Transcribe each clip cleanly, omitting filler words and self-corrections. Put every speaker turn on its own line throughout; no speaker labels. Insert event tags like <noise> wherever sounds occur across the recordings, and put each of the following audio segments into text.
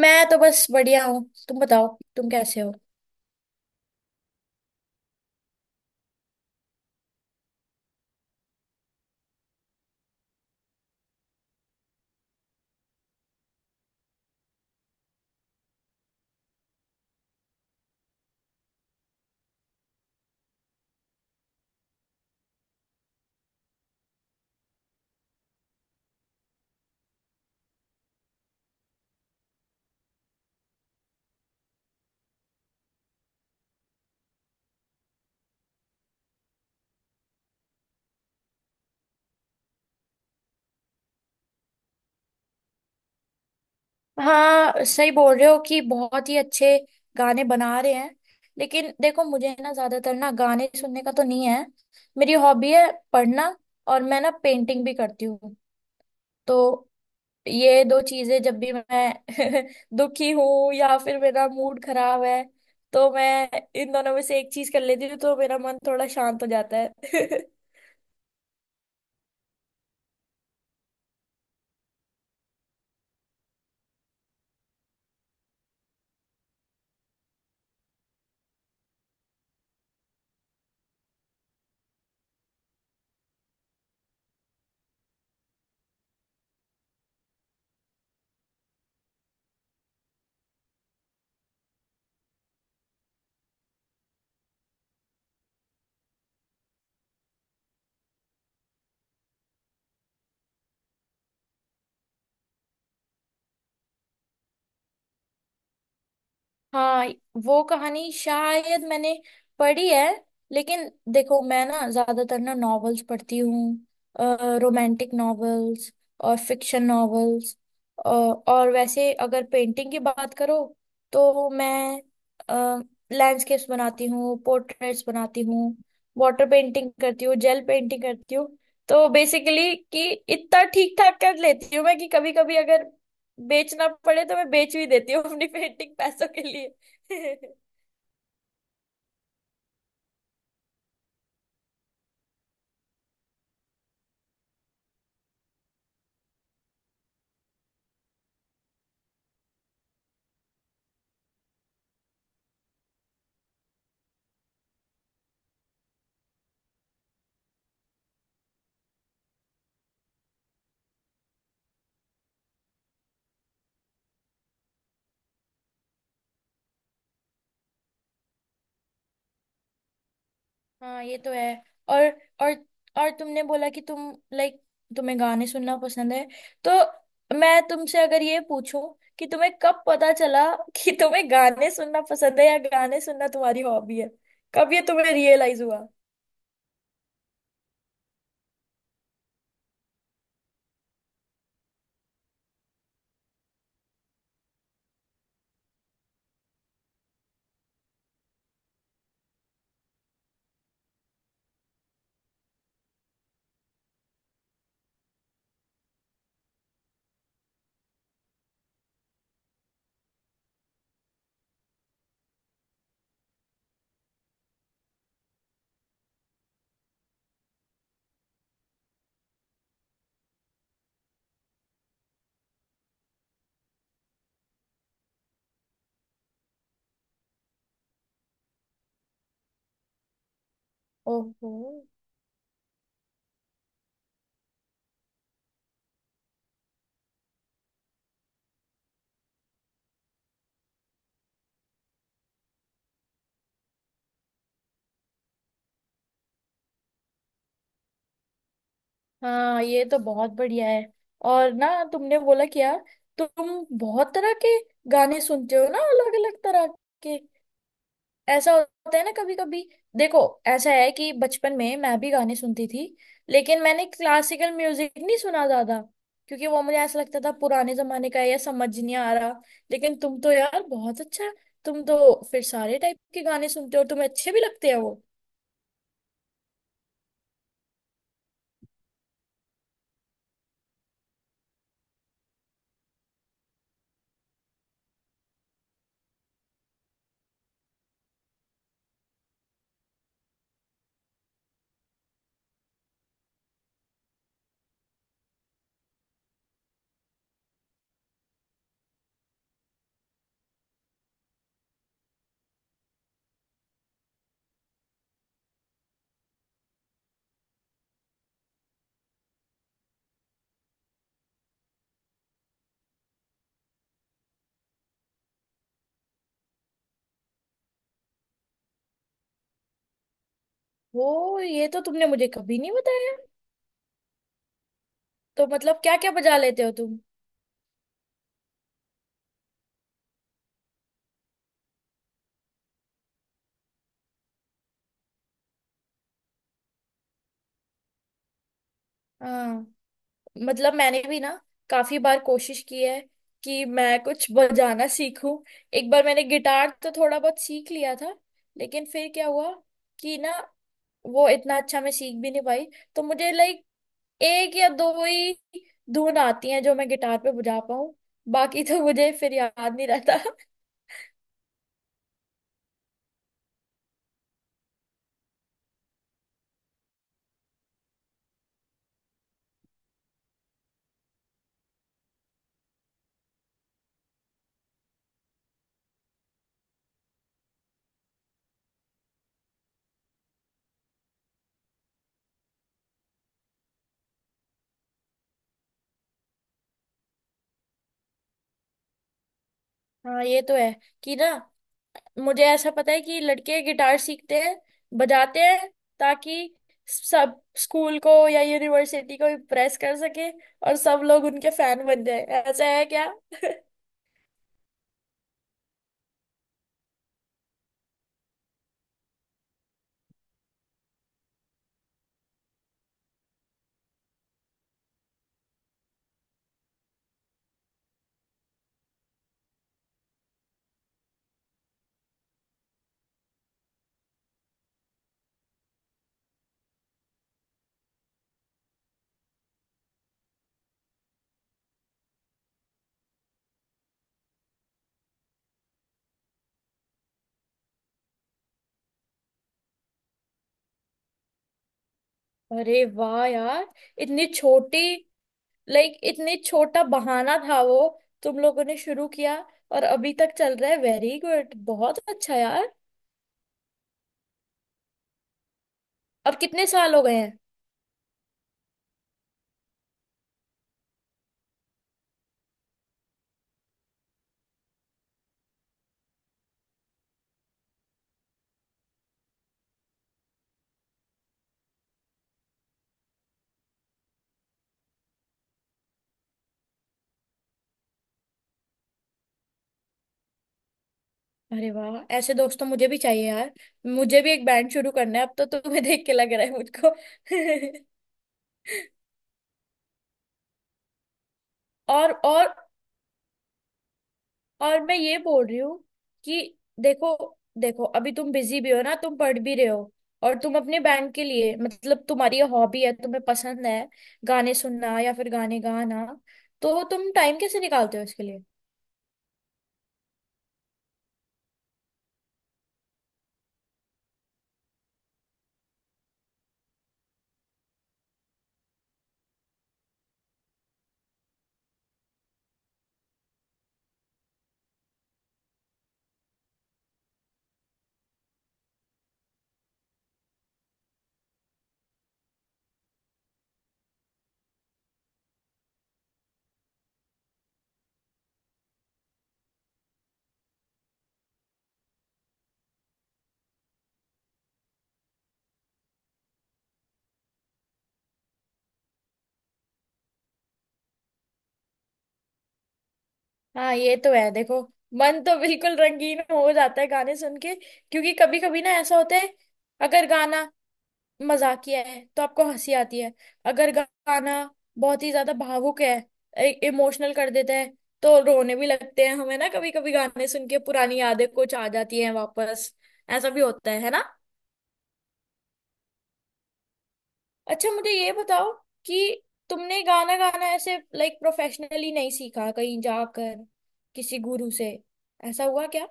मैं तो बस बढ़िया हूँ। तुम बताओ, तुम कैसे हो? हाँ, सही बोल रहे हो कि बहुत ही अच्छे गाने बना रहे हैं। लेकिन देखो, मुझे ना ज्यादातर ना गाने सुनने का तो नहीं है। मेरी हॉबी है पढ़ना, और मैं ना पेंटिंग भी करती हूँ। तो ये दो चीजें, जब भी मैं <laughs> दुखी हूँ या फिर मेरा मूड खराब है, तो मैं इन दोनों में से एक चीज कर लेती हूँ, तो मेरा मन थोड़ा शांत हो जाता है। <laughs> हाँ, वो कहानी शायद मैंने पढ़ी है। लेकिन देखो, मैं ना ज्यादातर ना नॉवेल्स पढ़ती हूँ, रोमांटिक नॉवेल्स और फिक्शन नॉवेल्स। और वैसे अगर पेंटिंग की बात करो, तो मैं लैंडस्केप्स बनाती हूँ, पोर्ट्रेट्स बनाती हूँ, वाटर पेंटिंग करती हूँ, जेल पेंटिंग करती हूँ। तो बेसिकली कि इतना ठीक ठाक कर लेती हूँ मैं कि कभी कभी अगर बेचना पड़े, तो मैं बेच भी देती हूँ अपनी पेंटिंग पैसों के लिए। <laughs> हाँ, ये तो है। और और और तुमने बोला कि तुम तुम्हें गाने सुनना पसंद है। तो मैं तुमसे अगर ये पूछूं कि तुम्हें कब पता चला कि तुम्हें गाने सुनना पसंद है या गाने सुनना तुम्हारी हॉबी है? कब ये तुम्हें रियलाइज हुआ? ओहो, हाँ, ये तो बहुत बढ़िया है। और ना तुमने बोला क्या, तुम बहुत तरह के गाने सुनते हो ना, अलग अलग तरह के? ऐसा होता है ना कभी कभी। देखो, ऐसा है कि बचपन में मैं भी गाने सुनती थी, लेकिन मैंने क्लासिकल म्यूजिक नहीं सुना ज्यादा, क्योंकि वो मुझे ऐसा लगता था पुराने जमाने का है या समझ नहीं आ रहा। लेकिन तुम तो यार बहुत अच्छा, तुम तो फिर सारे टाइप के गाने सुनते हो और तुम्हें अच्छे भी लगते हैं वो। वो ये तो तुमने मुझे कभी नहीं बताया। तो मतलब क्या क्या बजा लेते हो तुम? हाँ, मतलब मैंने भी ना काफी बार कोशिश की है कि मैं कुछ बजाना सीखूं। एक बार मैंने गिटार तो थोड़ा बहुत सीख लिया था, लेकिन फिर क्या हुआ कि ना वो इतना अच्छा मैं सीख भी नहीं पाई। तो मुझे लाइक एक या दो ही धुन आती हैं जो मैं गिटार पे बजा पाऊं, बाकी तो मुझे फिर याद नहीं रहता। <laughs> हाँ, ये तो है कि ना मुझे ऐसा पता है कि लड़के गिटार सीखते हैं, बजाते हैं ताकि सब स्कूल को या यूनिवर्सिटी को इम्प्रेस कर सके और सब लोग उनके फैन बन जाए। ऐसा है क्या? <laughs> अरे वाह यार, इतनी छोटी, लाइक इतनी छोटा बहाना था वो, तुम लोगों ने शुरू किया और अभी तक चल रहा है। वेरी गुड, बहुत अच्छा यार। अब कितने साल हो गए हैं? अरे वाह, ऐसे दोस्त तो मुझे भी चाहिए यार। मुझे भी एक बैंड शुरू करना है अब, तो तुम्हें देख के लग रहा है मुझको। <laughs> और और मैं ये बोल रही हूँ कि देखो, देखो अभी तुम बिजी भी हो ना, तुम पढ़ भी रहे हो और तुम अपने बैंड के लिए, मतलब तुम्हारी हॉबी है, तुम्हें पसंद है गाने सुनना या फिर गाने गाना, तो तुम टाइम कैसे निकालते हो इसके लिए? हाँ, ये तो है। देखो, मन तो बिल्कुल रंगीन हो जाता है गाने सुन के, क्योंकि कभी कभी ना ऐसा होता है, अगर गाना मजाकिया है तो आपको हंसी आती है, अगर गाना बहुत ही ज्यादा भावुक है, इमोशनल कर देता है, तो रोने भी लगते हैं हमें ना। कभी कभी गाने सुन के पुरानी यादें कुछ आ जाती हैं वापस, ऐसा भी होता है ना? अच्छा, मुझे ये बताओ कि तुमने गाना गाना ऐसे लाइक प्रोफेशनली नहीं सीखा कहीं जाकर किसी गुरु से? ऐसा हुआ क्या?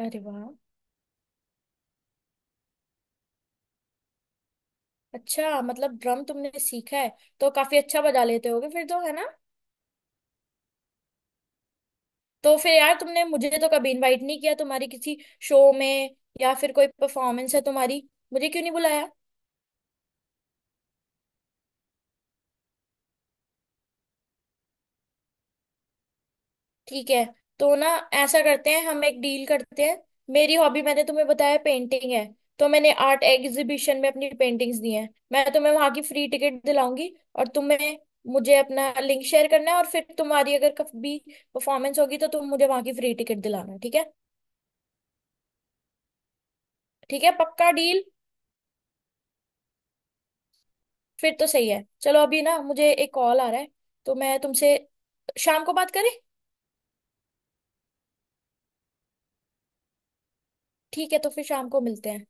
अरे वाह, अच्छा मतलब ड्रम तुमने सीखा है, तो काफी अच्छा बजा लेते होगे फिर तो, है ना? तो फिर यार, तुमने मुझे तो कभी इनवाइट नहीं किया तुम्हारी किसी शो में या फिर कोई परफॉर्मेंस है तुम्हारी, मुझे क्यों नहीं बुलाया? ठीक है, तो ना ऐसा करते हैं, हम एक डील करते हैं। मेरी हॉबी मैंने तुम्हें बताया पेंटिंग है, तो मैंने आर्ट एग्जीबिशन में अपनी पेंटिंग्स दी हैं, मैं तुम्हें वहां की फ्री टिकट दिलाऊंगी। और तुम्हें मुझे अपना लिंक शेयर करना है, और फिर तुम्हारी अगर कभी परफॉर्मेंस होगी, तो तुम मुझे वहां की फ्री टिकट दिलाना, ठीक है? ठीक है, पक्का डील। फिर तो सही है। चलो अभी ना मुझे एक कॉल आ रहा है, तो मैं तुमसे शाम को बात करें। ठीक है, तो फिर शाम को मिलते हैं।